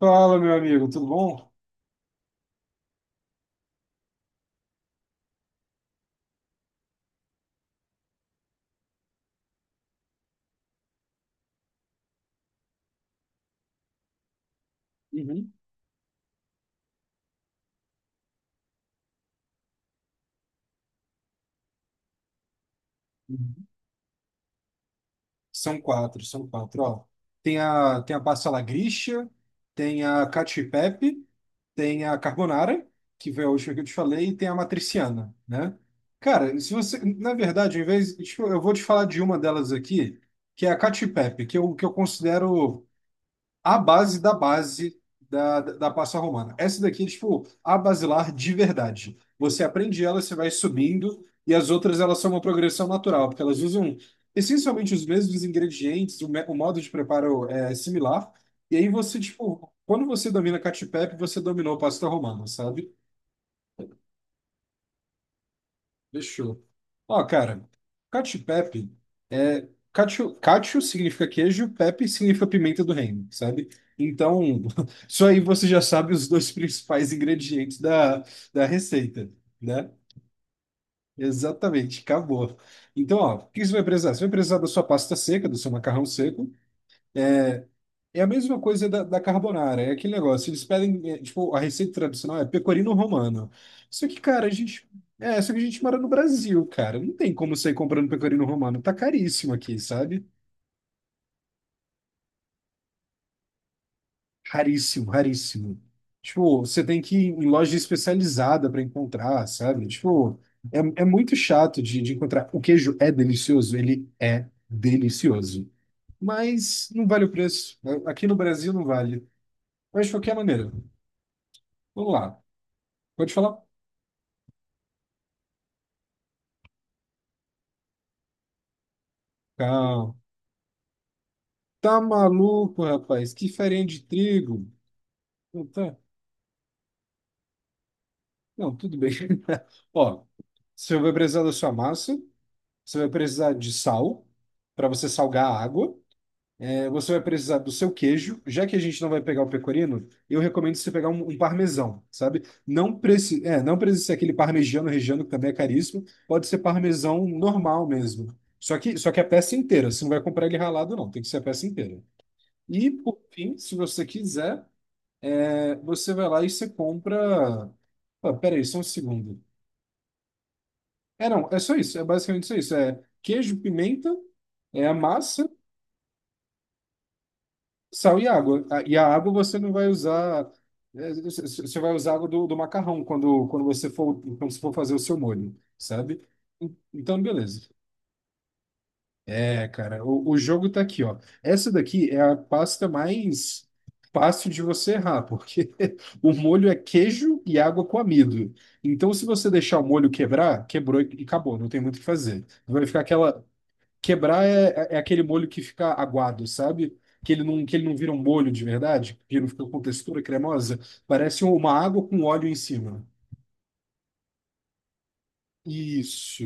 Fala, meu amigo, tudo bom? Uhum. Uhum. São quatro, ó. Tem a pasta la Grisha, tem a cacio e pepe, tem a carbonara, que foi a última que eu te falei, e tem a matriciana, né? Cara, se você, na verdade, em vez, tipo, eu vou te falar de uma delas aqui, que é a cacio e pepe, que eu considero a base da base da Passa Romana. Essa daqui é tipo a basilar de verdade. Você aprende ela, você vai subindo, e as outras elas são uma progressão natural, porque elas usam essencialmente os mesmos ingredientes, o modo de preparo é similar. E aí você, tipo, quando você domina Cacio e Pepe, você dominou a Pasta Romana, sabe? Fechou. Ó, cara, Cacio e Pepe. Cacio, cacio significa queijo, pepe significa pimenta do reino, sabe? Então, isso aí você já sabe os dois principais ingredientes da receita, né? Exatamente, acabou. Então, ó, o que você vai precisar? Você vai precisar da sua pasta seca, do seu macarrão seco. É a mesma coisa da carbonara, é aquele negócio. Eles pedem, tipo, a receita tradicional é pecorino romano. Só que, cara, a gente. Só que a gente mora no Brasil, cara. Não tem como sair comprando pecorino romano. Tá caríssimo aqui, sabe? Raríssimo, raríssimo. Tipo, você tem que ir em loja especializada para encontrar, sabe? Tipo, é muito chato de encontrar. O queijo é delicioso, ele é delicioso. Mas não vale o preço. Aqui no Brasil não vale. Mas de qualquer maneira, vamos lá. Pode falar? Calma. Tá maluco, rapaz? Que farinha de trigo? Não, tá. Não, tudo bem. Ó, você vai precisar da sua massa, você vai precisar de sal para você salgar a água. Você vai precisar do seu queijo, já que a gente não vai pegar o pecorino, eu recomendo você pegar um parmesão, sabe? Não precisa, não precisa ser aquele parmegiano regiano que também é caríssimo, pode ser parmesão normal mesmo. Só que a peça inteira, você não vai comprar ele ralado não, tem que ser a peça inteira. E por fim, se você quiser, você vai lá e você compra. Ah, peraí, só um segundo. Não, é só isso, é basicamente só isso. É queijo, pimenta, é a massa. Sal e água. E a água você não vai usar. é, Você você vai usar água do macarrão quando você for fazer o seu molho, sabe? Então, beleza. Cara, o jogo tá aqui, ó. Essa daqui é a pasta mais fácil de você errar, porque o molho é queijo e água com amido. Então, se você deixar o molho quebrar, quebrou e acabou, não tem muito o que fazer. Vai ficar aquela. Quebrar é aquele molho que fica aguado, sabe? Que ele não vira um molho de verdade, que ele não fica com textura cremosa. Parece uma água com óleo em cima. Isso.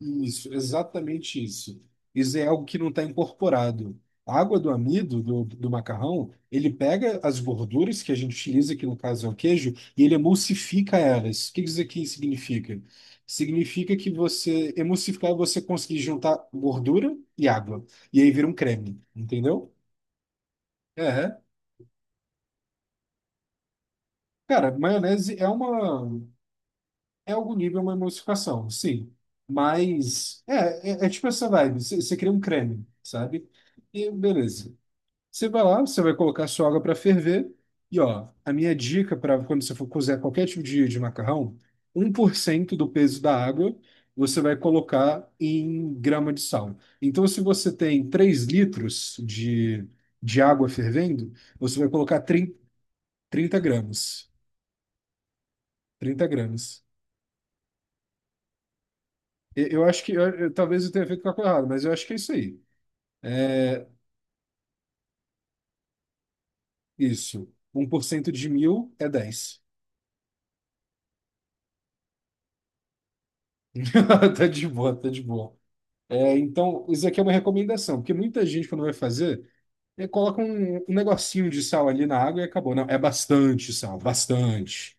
Isso, exatamente isso. Isso é algo que não está incorporado. A água do amido, do macarrão, ele pega as gorduras que a gente utiliza, que no caso é o queijo, e ele emulsifica elas. O que isso aqui significa? Significa que você, emulsificar, é você conseguir juntar gordura e água. E aí vira um creme, entendeu? É. Cara, maionese é uma. É algum nível uma emulsificação, sim. Mas é tipo essa vibe. Você cria um creme, sabe? E beleza. Você vai lá, você vai colocar sua água para ferver. E ó, a minha dica para quando você for cozer qualquer tipo de macarrão, 1% do peso da água você vai colocar em grama de sal. Então, se você tem 3 litros de água fervendo, você vai colocar 30 30 gramas. 30 gramas. Eu acho que talvez eu tenha feito cálculo errado, mas eu acho que é isso aí. Isso. 1% de 1.000 é 10. Tá de boa, tá de boa. Então, isso aqui é uma recomendação, porque muita gente, quando vai fazer, coloca um negocinho de sal ali na água e acabou. Não, é bastante sal, bastante.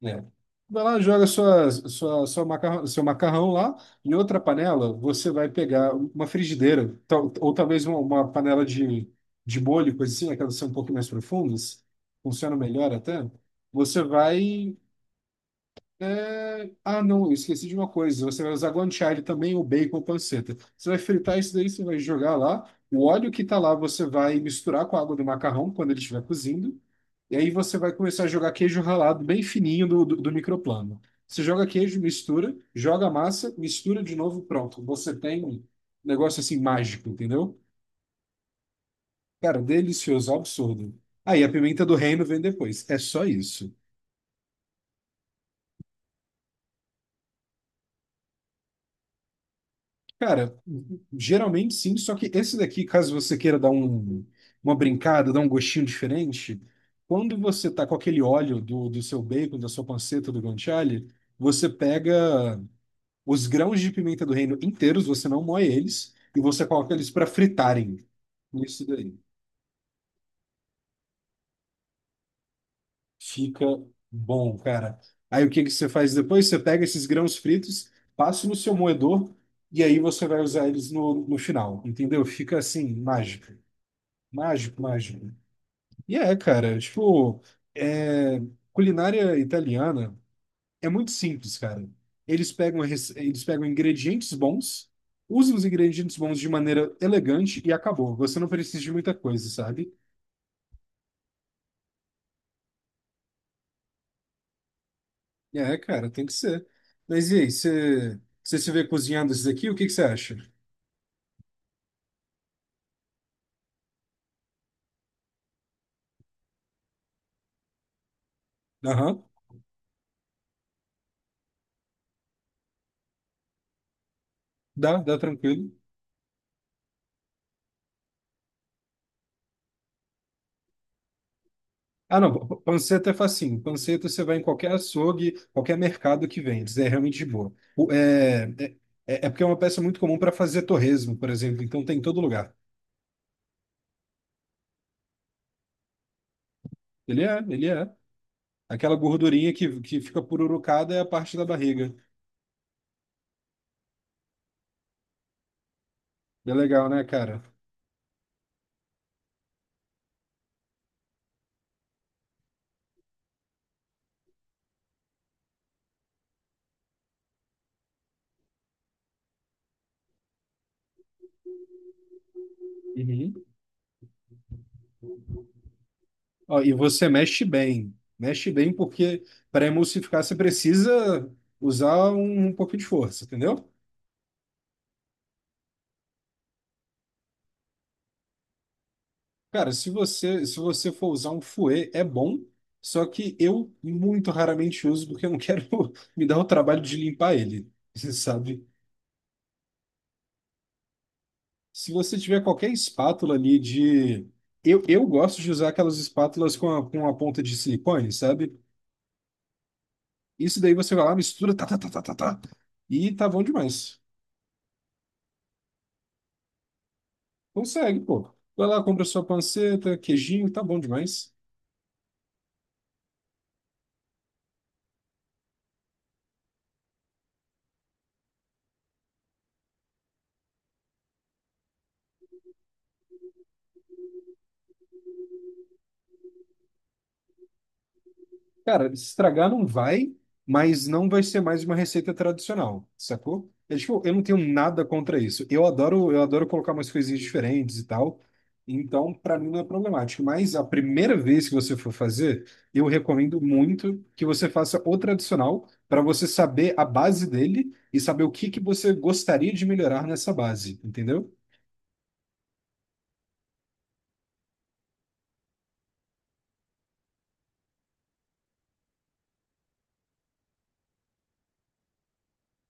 Né? Vai lá, joga seu macarrão lá. Em outra panela, você vai pegar uma frigideira, ou talvez uma panela de molho, coisa assim, aquelas que são um pouco mais profundas, funcionam melhor até. Você vai Ah, não, eu esqueci de uma coisa. Você vai usar guanciale também, o bacon, panceta. Você vai fritar isso daí, você vai jogar lá. O óleo que tá lá, você vai misturar com a água do macarrão quando ele estiver cozindo. E aí você vai começar a jogar queijo ralado bem fininho do microplano. Você joga queijo, mistura, joga a massa, mistura de novo, pronto. Você tem um negócio assim mágico, entendeu? Cara, delicioso, absurdo. Aí a pimenta do reino vem depois. É só isso. Cara, geralmente sim, só que esse daqui, caso você queira dar uma brincada, dar um gostinho diferente, quando você tá com aquele óleo do seu bacon, da sua panceta, do guanciale, você pega os grãos de pimenta do reino inteiros, você não moe eles, e você coloca eles para fritarem. Isso daí. Fica bom, cara. Aí o que que você faz depois? Você pega esses grãos fritos, passa no seu moedor, e aí você vai usar eles no final, entendeu? Fica assim, mágico. Mágico, mágico. E cara, tipo, é, culinária italiana é muito simples, cara. Eles pegam ingredientes bons, usam os ingredientes bons de maneira elegante e acabou. Você não precisa de muita coisa, sabe? É, cara, tem que ser. Mas e aí, você se vê cozinhando esses aqui? O que que você acha? Aham, dá tranquilo. Ah, não, panceta é facinho. Panceta você vai em qualquer açougue, qualquer mercado que vende, é realmente de boa. É porque é uma peça muito comum para fazer torresmo, por exemplo, então tem em todo lugar. Ele é, ele é. Aquela gordurinha que fica pururucada é a parte da barriga. É legal, né, cara? Uhum. Ó, e você mexe bem. Mexe bem porque para emulsificar você precisa usar um pouco de força, entendeu? Cara, se você for usar um fouet, é bom, só que eu muito raramente uso porque eu não quero me dar o trabalho de limpar ele, sabe? Se você tiver qualquer espátula ali de. Eu gosto de usar aquelas espátulas com a ponta de silicone, sabe? Isso daí você vai lá, mistura, tá, tá, tá, tá, tá, tá, e tá bom demais. Consegue, pô. Vai lá, compra sua panceta, queijinho, tá bom demais. Cara, estragar não vai, mas não vai ser mais uma receita tradicional, sacou? É, tipo, eu não tenho nada contra isso. Eu adoro colocar umas coisinhas diferentes e tal. Então, para mim não é problemático. Mas a primeira vez que você for fazer, eu recomendo muito que você faça o tradicional para você saber a base dele e saber o que que você gostaria de melhorar nessa base, entendeu?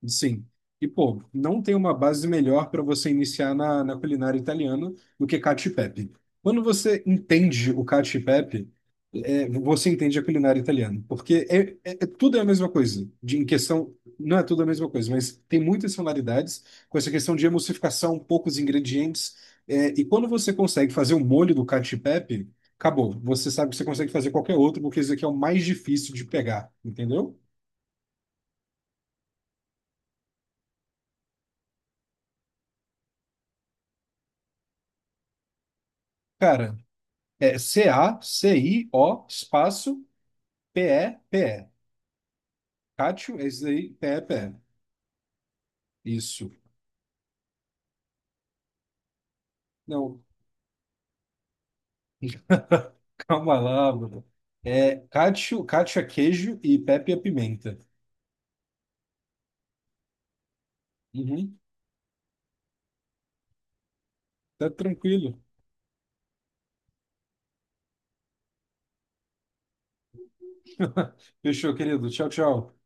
Sim. E, pô, não tem uma base melhor para você iniciar na culinária italiana do que cacio e pepe. Quando você entende o cacio e pepe, você entende a culinária italiana, porque tudo é a mesma coisa. Em questão, não é tudo a mesma coisa, mas tem muitas similaridades com essa questão de emulsificação, poucos ingredientes. E quando você consegue fazer o molho do cacio e pepe, acabou. Você sabe que você consegue fazer qualquer outro, porque isso aqui é o mais difícil de pegar, entendeu? Cara, é Cacio espaço Pepe. Cátio, é isso aí, Pepe. Isso. Não, calma lá, mano. É Cátio, Cátio é queijo e Pepe é pimenta. Uhum, tá tranquilo. Fechou, querido. Tchau, tchau.